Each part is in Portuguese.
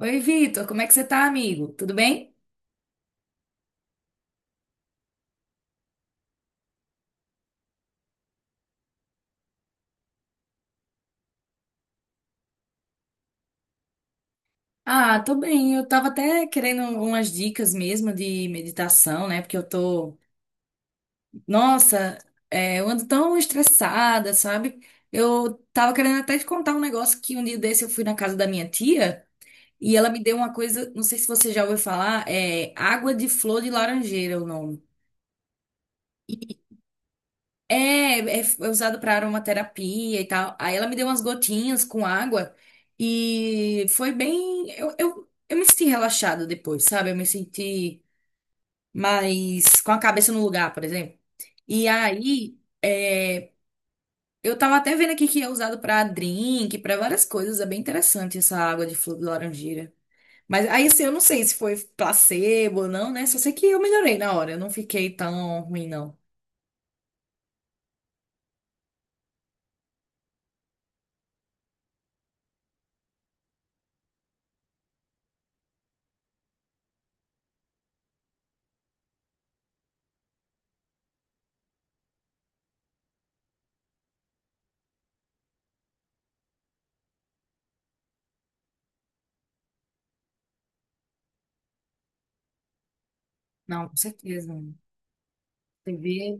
Oi, Vitor, como é que você tá, amigo? Tudo bem? Ah, tô bem. Eu tava até querendo umas dicas mesmo de meditação, né? Porque eu tô, nossa, eu ando tão estressada, sabe? Eu tava querendo até te contar um negócio que um dia desse eu fui na casa da minha tia e ela me deu uma coisa, não sei se você já ouviu falar, é água de flor de laranjeira é o nome. É, é usado para aromaterapia e tal. Aí ela me deu umas gotinhas com água e foi bem. Eu me senti relaxada depois, sabe? Eu me senti mais com a cabeça no lugar, por exemplo. E aí, eu tava até vendo aqui que é usado para drink, para várias coisas. É bem interessante essa água de flor de laranjeira. Mas aí, assim, eu não sei se foi placebo ou não, né? Só sei que eu melhorei na hora. Eu não fiquei tão ruim, não. Não, com certeza. Você vê.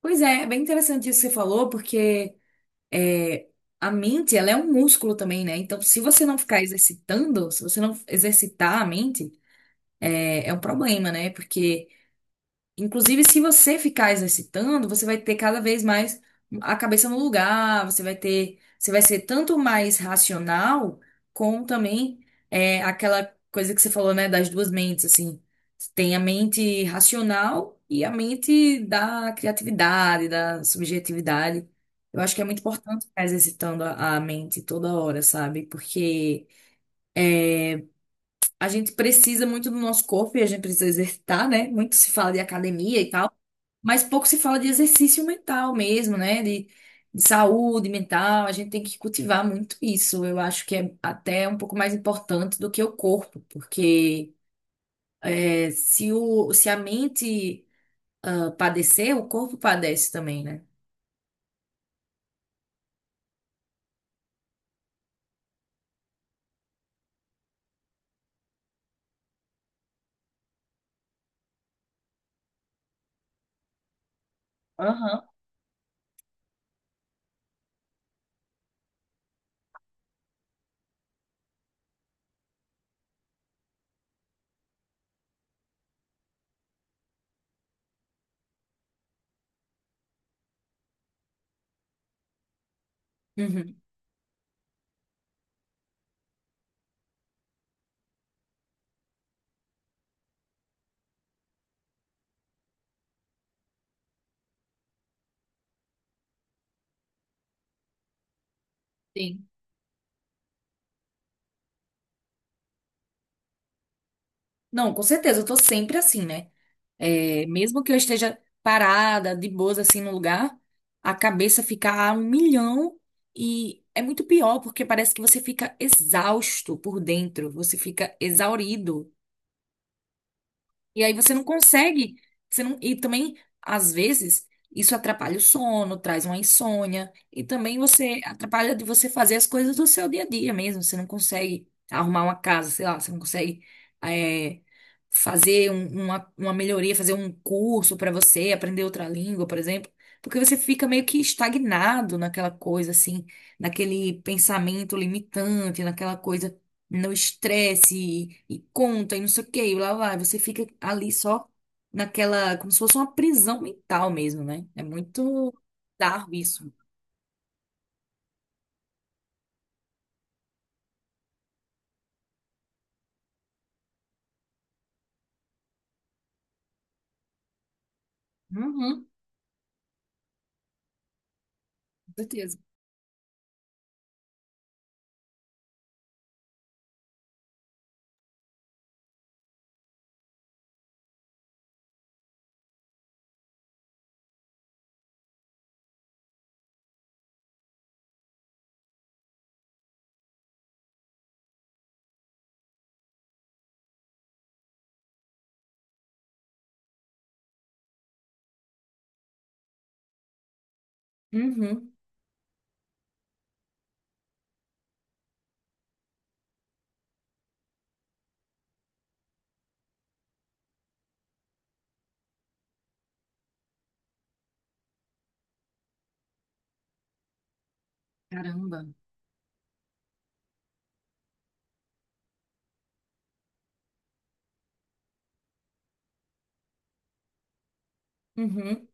Pois é, é bem interessante isso que você falou, porque é, a mente, ela é um músculo também, né? Então, se você não ficar exercitando, se você não exercitar a mente, é um problema, né? Porque inclusive, se você ficar exercitando, você vai ter cada vez mais a cabeça no lugar, você vai ter, você vai ser tanto mais racional, como também aquela coisa que você falou, né, das duas mentes, assim. Tem a mente racional e a mente da criatividade, da subjetividade. Eu acho que é muito importante ficar exercitando a mente toda hora, sabe? Porque a gente precisa muito do nosso corpo e a gente precisa exercitar, né? Muito se fala de academia e tal. Mas pouco se fala de exercício mental mesmo, né? De saúde mental. A gente tem que cultivar muito isso. Eu acho que é até um pouco mais importante do que o corpo, porque se a mente padecer, o corpo padece também, né? Aham. Uhum. Sim. Não, com certeza, eu tô sempre assim, né? É, mesmo que eu esteja parada, de boas, assim, no lugar, a cabeça fica a um milhão e é muito pior, porque parece que você fica exausto por dentro, você fica exaurido. E aí você não consegue, você não, e também, às vezes, isso atrapalha o sono, traz uma insônia, e também você atrapalha de você fazer as coisas do seu dia a dia mesmo. Você não consegue arrumar uma casa, sei lá, você não consegue eh, uma melhoria, fazer um curso para você, aprender outra língua, por exemplo, porque você fica meio que estagnado naquela coisa, assim, naquele pensamento limitante, naquela coisa no estresse e conta e não sei o quê, e lá vai, você fica ali só naquela, como se fosse uma prisão mental mesmo, né? É muito bizarro isso. Uhum, com certeza. Uhum. Caramba. Uhum,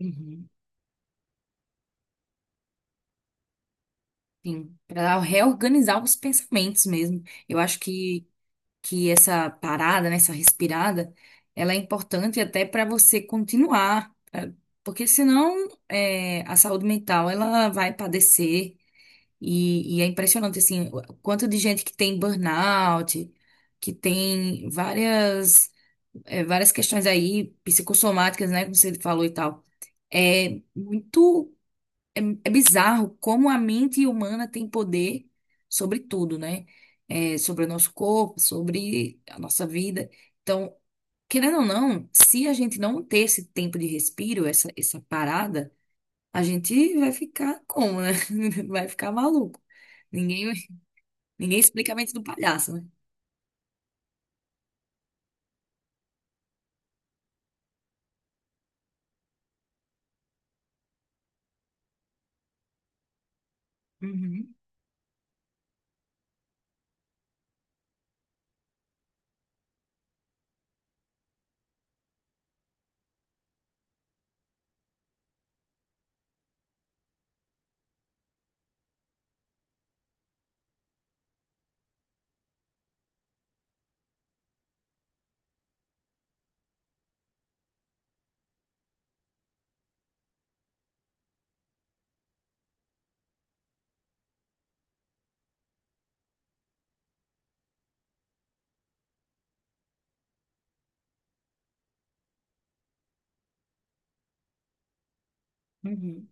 uhum. Sim, para reorganizar os pensamentos mesmo. Eu acho que essa parada, né, essa respirada, ela é importante até para você continuar, pra- porque senão a saúde mental ela vai padecer. E é impressionante, assim, o quanto de gente que tem burnout, que tem várias, várias questões aí psicossomáticas, né, como você falou e tal. É muito, é, é bizarro como a mente humana tem poder sobre tudo, né? É, sobre o nosso corpo, sobre a nossa vida. Então, querendo ou não, se a gente não ter esse tempo de respiro, essa parada, a gente vai ficar como, né? Vai ficar maluco. Ninguém, ninguém explica a mente do palhaço, né? Uhum, uhum.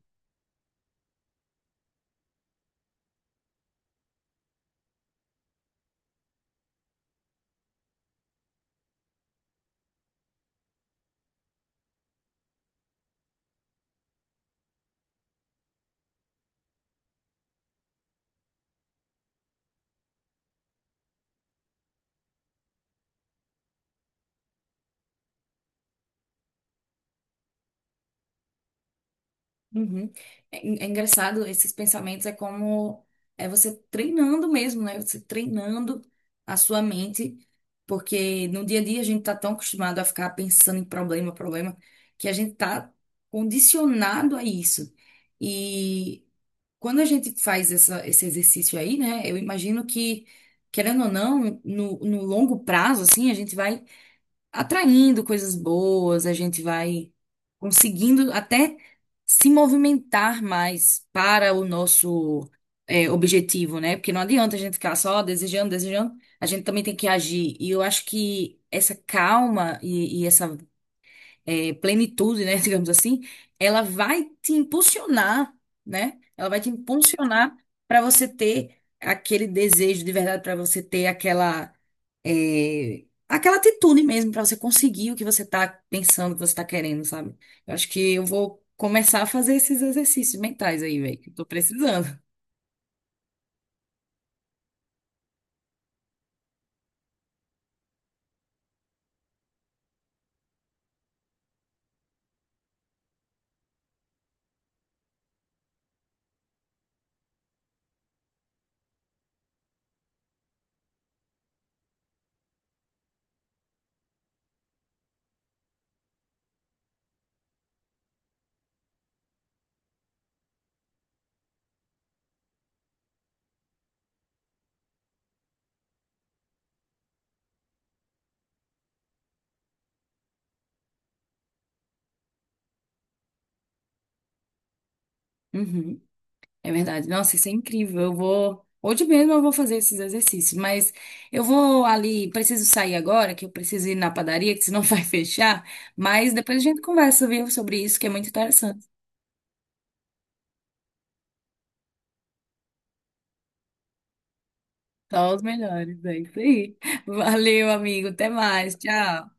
Uhum. É, é engraçado, esses pensamentos é como é você treinando mesmo, né? Você treinando a sua mente, porque no dia a dia a gente tá tão acostumado a ficar pensando em problema, problema, que a gente tá condicionado a isso. E quando a gente faz esse exercício aí, né? Eu imagino que, querendo ou não, no longo prazo, assim, a gente vai atraindo coisas boas, a gente vai conseguindo até se movimentar mais para o nosso objetivo, né? Porque não adianta a gente ficar só desejando, desejando, a gente também tem que agir. E eu acho que essa calma e essa plenitude, né, digamos assim, ela vai te impulsionar, né? Ela vai te impulsionar para você ter aquele desejo de verdade, para você ter aquela aquela atitude mesmo, para você conseguir o que você está pensando, o que você está querendo, sabe? Eu acho que eu vou começar a fazer esses exercícios mentais aí, velho, que eu tô precisando. Uhum. É verdade. Nossa, isso é incrível. Eu vou. Hoje mesmo eu vou fazer esses exercícios, mas eu vou ali. Preciso sair agora, que eu preciso ir na padaria, que senão vai fechar. Mas depois a gente conversa, viu, sobre isso, que é muito interessante. Só os melhores. É isso aí. Valeu, amigo. Até mais. Tchau.